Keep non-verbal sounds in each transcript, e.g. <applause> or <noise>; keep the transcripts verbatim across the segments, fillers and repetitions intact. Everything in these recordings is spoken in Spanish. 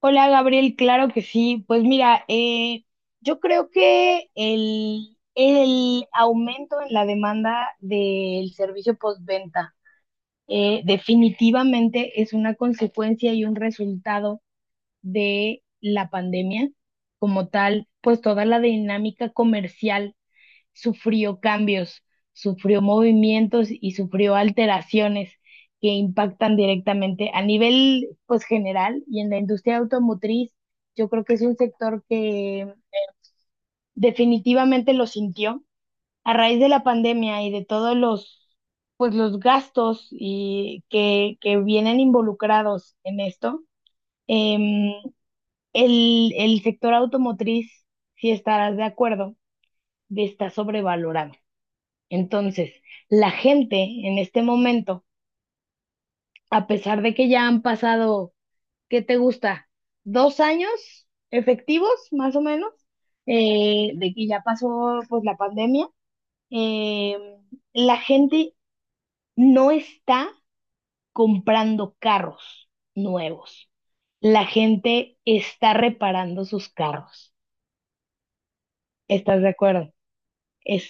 Hola Gabriel, claro que sí. Pues mira, eh, yo creo que el, el aumento en la demanda del servicio postventa eh, definitivamente es una consecuencia y un resultado de la pandemia como tal, pues toda la dinámica comercial sufrió cambios, sufrió movimientos y sufrió alteraciones que impactan directamente a nivel pues general y en la industria automotriz, yo creo que es un sector que definitivamente lo sintió a raíz de la pandemia y de todos los pues los gastos y que, que vienen involucrados en esto. em, el, el sector automotriz, si estarás de acuerdo, está sobrevalorado. Entonces, la gente en este momento, a pesar de que ya han pasado, ¿qué te gusta? Dos años efectivos, más o menos, eh, de que ya pasó pues la pandemia, eh, la gente no está comprando carros nuevos. La gente está reparando sus carros. ¿Estás de acuerdo? Es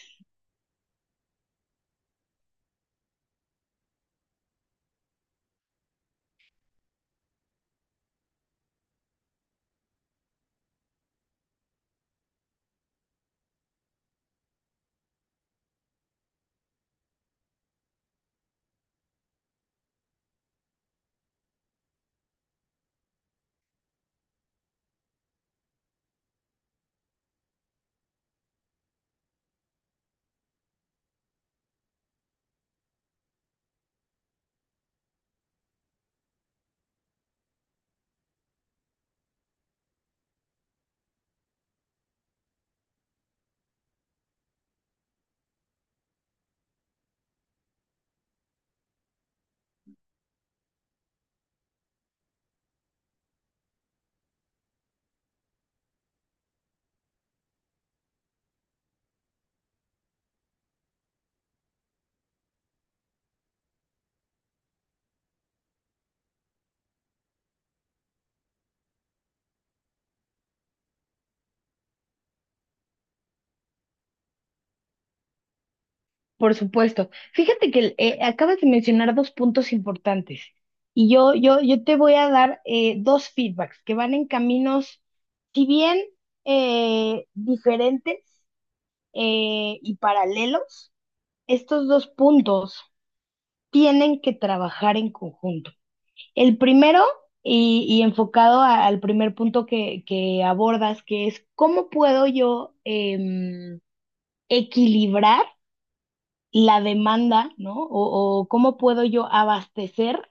Por supuesto. Fíjate que eh, acabas de mencionar dos puntos importantes y yo, yo, yo te voy a dar eh, dos feedbacks que van en caminos, si bien eh, diferentes eh, y paralelos, estos dos puntos tienen que trabajar en conjunto. El primero, y, y enfocado a- al primer punto que, que abordas, que es cómo puedo yo em, equilibrar la demanda, ¿no? O, o cómo puedo yo abastecer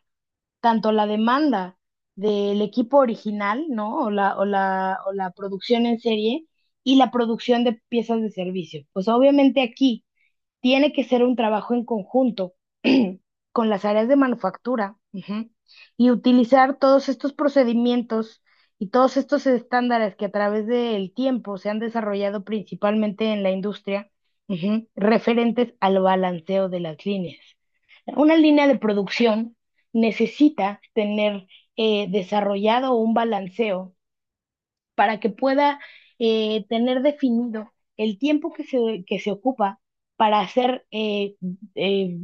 tanto la demanda del equipo original, ¿no? O la, o la, o la producción en serie y la producción de piezas de servicio. Pues obviamente aquí tiene que ser un trabajo en conjunto <clears throat> con las áreas de manufactura, ujú, y utilizar todos estos procedimientos y todos estos estándares que a través del tiempo se han desarrollado principalmente en la industria, ujú, referentes al balanceo de las líneas. Una línea de producción necesita tener eh, desarrollado un balanceo para que pueda eh, tener definido el tiempo que se, que se ocupa para hacer eh, eh,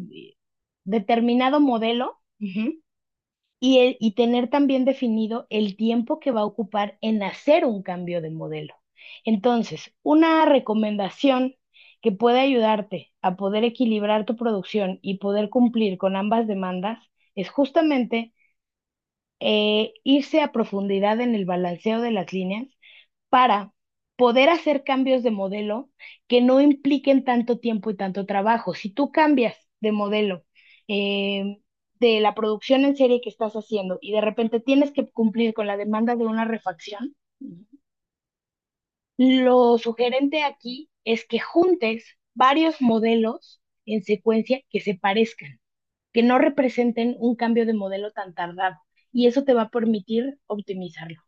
determinado modelo. Ujú. y, el- y tener también definido el tiempo que va a ocupar en hacer un cambio de modelo. Entonces, una recomendación que puede ayudarte a poder equilibrar tu producción y poder cumplir con ambas demandas es justamente eh, irse a profundidad en el balanceo de las líneas para poder hacer cambios de modelo que no impliquen tanto tiempo y tanto trabajo. Si tú cambias de modelo eh, de la producción en serie que estás haciendo y de repente tienes que cumplir con la demanda de una refacción, lo sugerente aquí es que juntes varios modelos en secuencia que se parezcan, que no representen un cambio de modelo tan tardado. Y eso te va a permitir optimizarlo.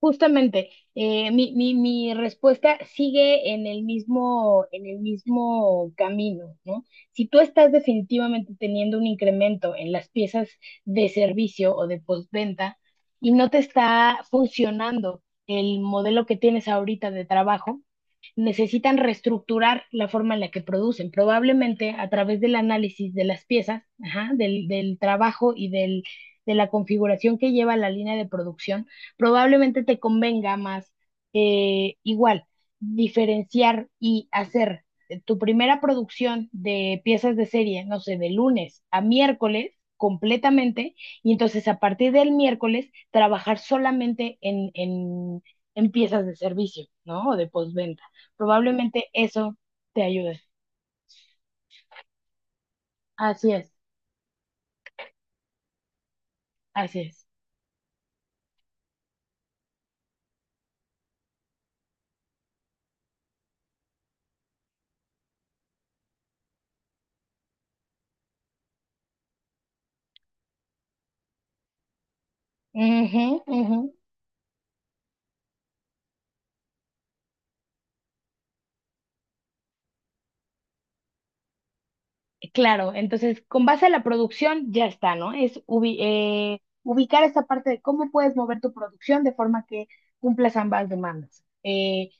Justamente, eh, mi, mi, mi respuesta sigue en el mismo, en el mismo camino, ¿no? Si tú estás definitivamente teniendo un incremento en las piezas de servicio o de postventa y no te está funcionando el modelo que tienes ahorita de trabajo, necesitan reestructurar la forma en la que producen, probablemente a través del análisis de las piezas, ajá, del, del, trabajo y del, de la configuración que lleva la línea de producción, probablemente te convenga más eh, igual diferenciar y hacer eh, tu primera producción de piezas de serie, no sé, de lunes a miércoles completamente, y entonces a partir del miércoles trabajar solamente en, en, en piezas de servicio, ¿no? O de postventa. Probablemente eso te ayude. Así es, así es. Ujú, ujú. Claro, entonces con base a la producción ya está, ¿no? Es ubi- eh, ubicar esta parte de cómo puedes mover tu producción de forma que cumplas ambas demandas. Eh,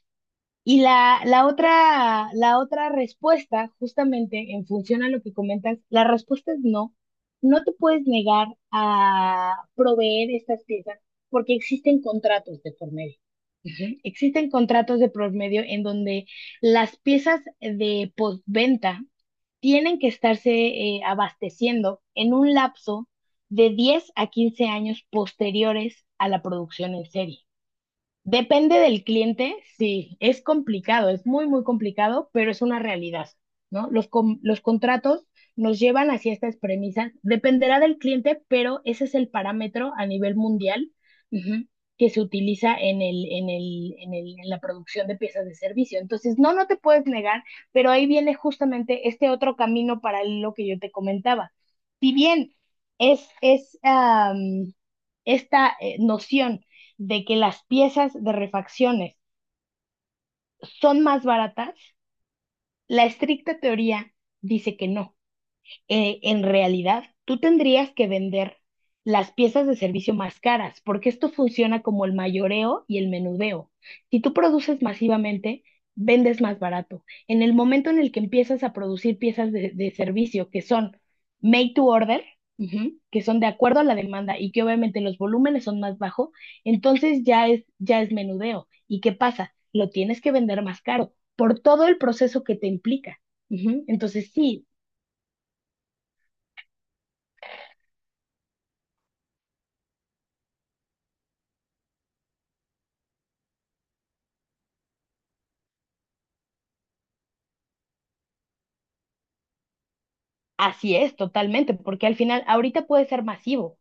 Y la, la otra, la otra respuesta, justamente en función a lo que comentas, la respuesta es no. No te puedes negar a proveer estas piezas porque existen contratos de por medio. Ujú. Existen contratos de por medio en donde las piezas de postventa tienen que estarse eh, abasteciendo en un lapso de diez a quince años posteriores a la producción en serie. Depende del cliente, sí, es complicado, es muy, muy complicado, pero es una realidad, ¿no? Los, con- los contratos nos llevan hacia estas premisas. Dependerá del cliente, pero ese es el parámetro a nivel mundial, ujú, que se utiliza en el, en el, en el, en la producción de piezas de servicio. Entonces, no, no te puedes negar, pero ahí viene justamente este otro camino paralelo que yo te comentaba. Si bien es, es, am, esta eh, noción de que las piezas de refacciones son más baratas, la estricta teoría dice que no eh, en realidad tú tendrías que vender las piezas de servicio más caras, porque esto funciona como el mayoreo y el menudeo. Si tú produces masivamente, vendes más barato. En el momento en el que empiezas a producir piezas de, de servicio que son made to order, ujú, que son de acuerdo a la demanda y que obviamente los volúmenes son más bajos, entonces ya es, ya es menudeo. ¿Y qué pasa? Lo tienes que vender más caro por todo el proceso que te implica. Ujú. Entonces, sí, así es, totalmente, porque al final ahorita puede ser masivo,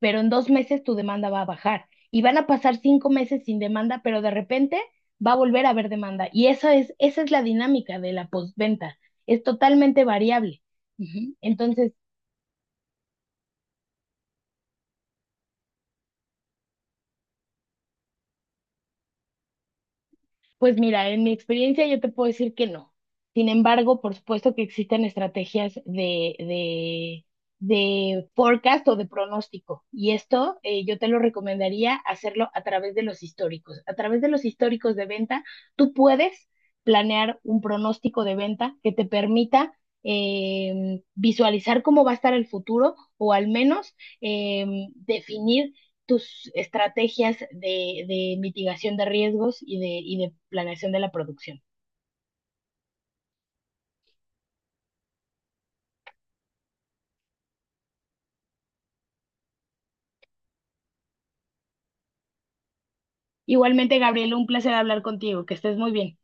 pero en dos meses tu demanda va a bajar y van a pasar cinco meses sin demanda, pero de repente va a volver a haber demanda. Y eso es, esa es la dinámica de la postventa, es totalmente variable. Ujú. Entonces, Pues mira, en mi experiencia yo te puedo decir que no. Sin embargo, por supuesto que existen estrategias de, de, de forecast o de pronóstico. Y esto eh, yo te lo recomendaría hacerlo a través de los históricos. A través de los históricos de venta, tú puedes planear un pronóstico de venta que te permita em, visualizar cómo va a estar el futuro o al menos em, definir tus estrategias de, de mitigación de riesgos y de, y de planeación de la producción. Igualmente, Gabriel, un placer hablar contigo, que estés muy bien.